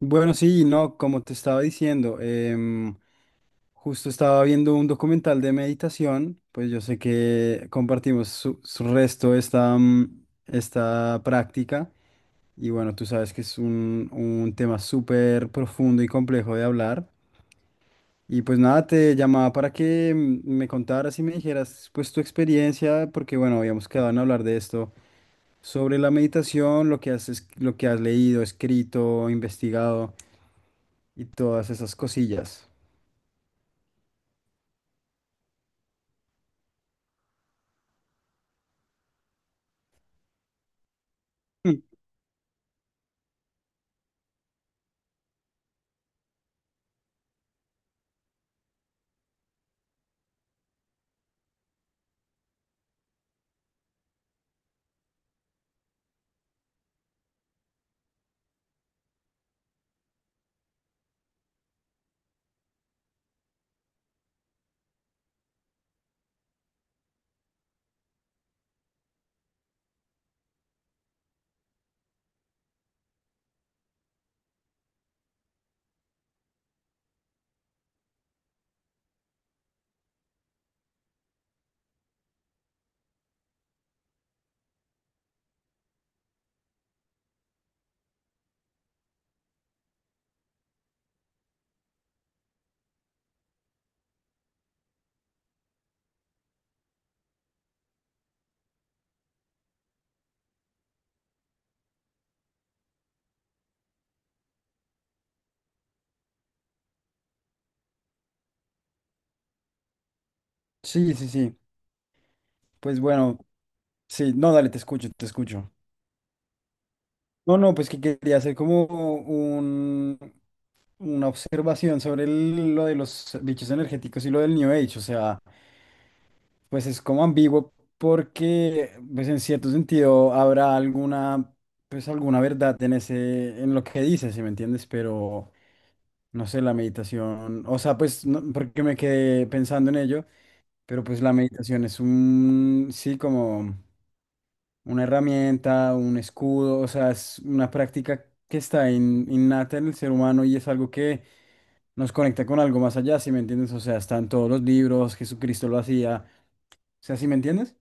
Bueno, sí, no, como te estaba diciendo, justo estaba viendo un documental de meditación. Pues yo sé que compartimos su resto esta, esta práctica. Y bueno, tú sabes que es un tema súper profundo y complejo de hablar, y pues nada, te llamaba para que me contaras y me dijeras pues tu experiencia, porque bueno, habíamos quedado en hablar de esto, sobre la meditación, lo que has leído, escrito, investigado y todas esas cosillas. Mm, Sí, sí, sí. Pues bueno, sí, no, dale, te escucho, te escucho. No, no, pues que quería hacer como un, una observación sobre lo de los bichos energéticos y lo del New Age. O sea, pues es como ambiguo porque, pues en cierto sentido, habrá alguna, pues alguna verdad en ese, en lo que dices, ¿si me entiendes? Pero no sé, la meditación, o sea, porque me quedé pensando en ello. Pero pues la meditación es un, sí, como una herramienta, un escudo, o sea, es una práctica que está innata en el ser humano y es algo que nos conecta con algo más allá, ¿si me entiendes? O sea, están todos los libros, Jesucristo lo hacía, o sea, ¿si me entiendes?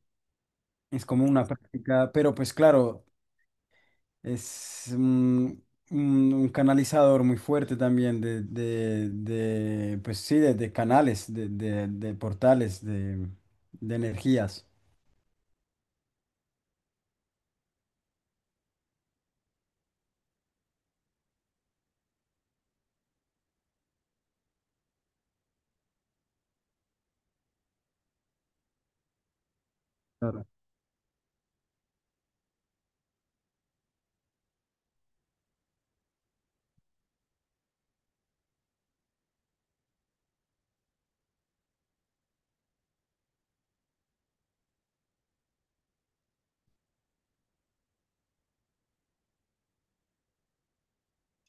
Es como una práctica, pero pues claro, es un, un canalizador muy fuerte también pues sí, de canales, de portales, de energías. Claro.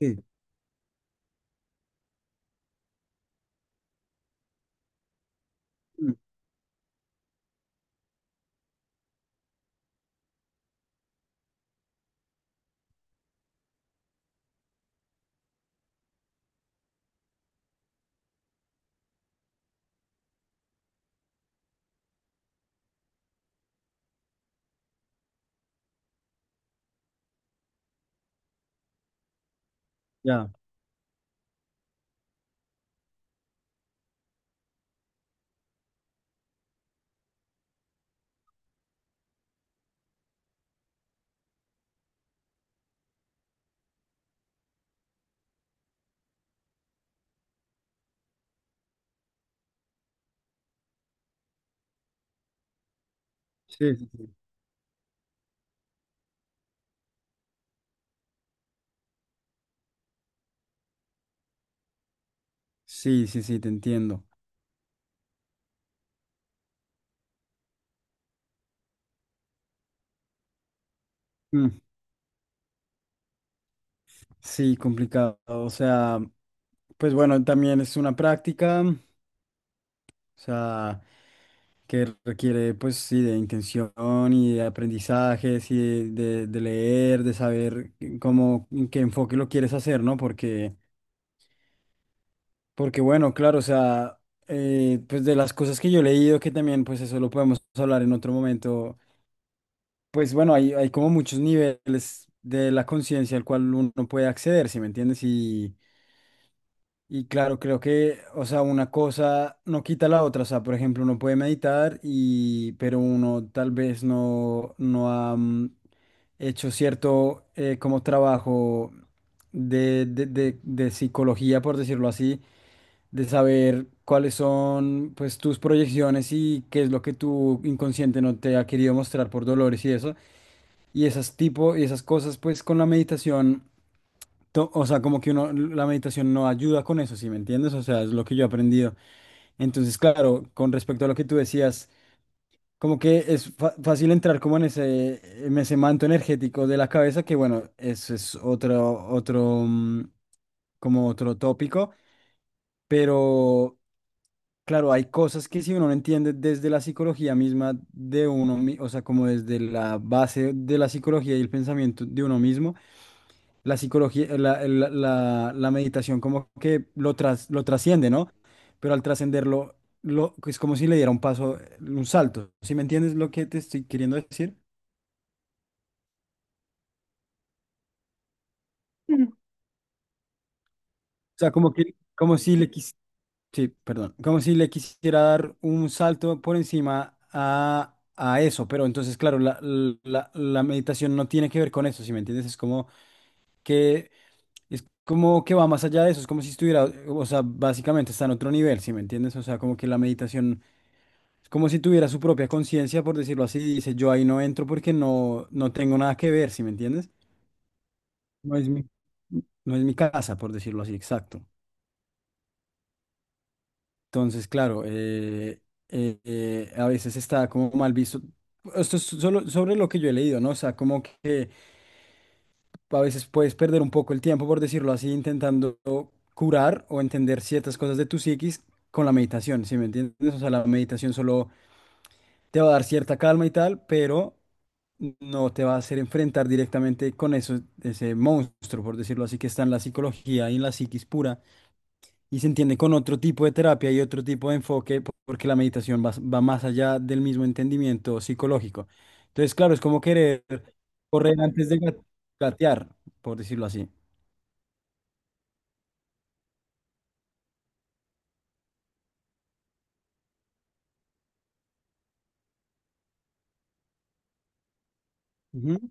Sí. Mm, Ya, sí, sí, sí, sí, sí, sí, te entiendo. Mm, Sí, complicado. O sea, pues bueno, también es una práctica, o sea, que requiere pues sí de intención y de aprendizajes y de, de leer, de saber cómo, qué enfoque lo quieres hacer, ¿no? Porque, porque bueno, claro, o sea, pues de las cosas que yo he leído, que también pues eso lo podemos hablar en otro momento, pues bueno, hay como muchos niveles de la conciencia al cual uno puede acceder, ¿sí me entiendes? Y claro, creo que, o sea, una cosa no quita la otra. O sea, por ejemplo, uno puede meditar y, pero uno tal vez no ha hecho cierto como trabajo de psicología, por decirlo así, de saber cuáles son pues tus proyecciones y qué es lo que tu inconsciente no te ha querido mostrar por dolores y eso. Y esas tipo, y esas cosas, pues con la meditación o sea, como que uno, la meditación no ayuda con eso, ¿sí me entiendes? O sea, es lo que yo he aprendido. Entonces, claro, con respecto a lo que tú decías, como que es fácil entrar como en ese manto energético de la cabeza, que bueno, eso es otro, otro, como otro tópico, pero claro, hay cosas que si uno no entiende desde la psicología misma de uno, o sea, como desde la base de la psicología y el pensamiento de uno mismo. La psicología, la, la meditación como que lo, tras, lo trasciende, ¿no? Pero al trascenderlo, lo, es como si le diera un paso, un salto. ¿Sí me entiendes lo que te estoy queriendo decir? O sea, como que, como si le quis- sí, perdón, como si le quisiera dar un salto por encima a eso. Pero entonces, claro, la meditación no tiene que ver con eso, ¿sí me entiendes? Que, es como que va más allá de eso. Es como si estuviera, o sea, básicamente está en otro nivel, ¿sí me entiendes? O sea, como que la meditación, es como si tuviera su propia conciencia, por decirlo así, y dice, yo ahí no entro porque no tengo nada que ver, ¿sí me entiendes? No es mi, no es mi casa, por decirlo así, exacto. Entonces, claro, a veces está como mal visto. Esto es solo sobre lo que yo he leído, ¿no? O sea, como que a veces puedes perder un poco el tiempo, por decirlo así, intentando curar o entender ciertas cosas de tu psiquis con la meditación, ¿sí me entiendes? O sea, la meditación solo te va a dar cierta calma y tal, pero no te va a hacer enfrentar directamente con eso, ese monstruo, por decirlo así, que está en la psicología y en la psiquis pura, y se entiende con otro tipo de terapia y otro tipo de enfoque, porque la meditación va, va más allá del mismo entendimiento psicológico. Entonces, claro, es como querer correr antes de gatear, por decirlo así. Ujú.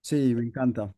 Sí, me encanta.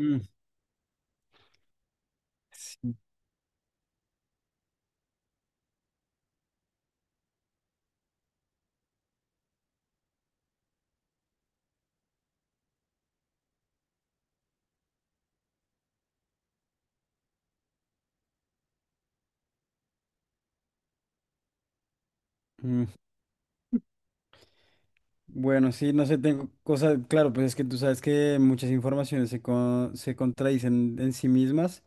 Mm, sí. Mm. Bueno, sí, no sé, tengo cosas, claro, pues es que tú sabes que muchas informaciones se, se contradicen en sí mismas,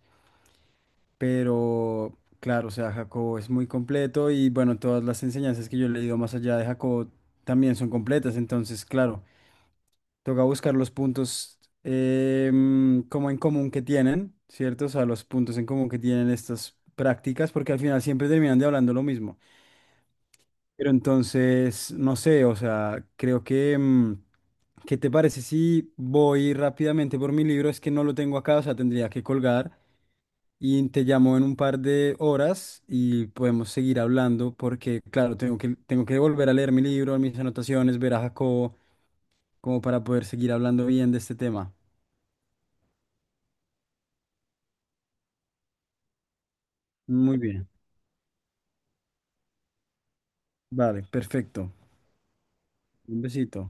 pero claro, o sea, Jacobo es muy completo y bueno, todas las enseñanzas que yo he leído más allá de Jacobo también son completas. Entonces, claro, toca buscar los puntos como en común que tienen, ¿cierto? O sea, los puntos en común que tienen estas prácticas, porque al final siempre terminan de hablando lo mismo. Pero entonces, no sé, o sea, creo que... ¿qué te parece si voy rápidamente por mi libro? Es que no lo tengo acá, o sea, tendría que colgar. Y te llamo en un par de horas y podemos seguir hablando porque, claro, tengo que volver a leer mi libro, mis anotaciones, ver a Jacobo, como para poder seguir hablando bien de este tema. Muy bien. Vale, perfecto. Un besito.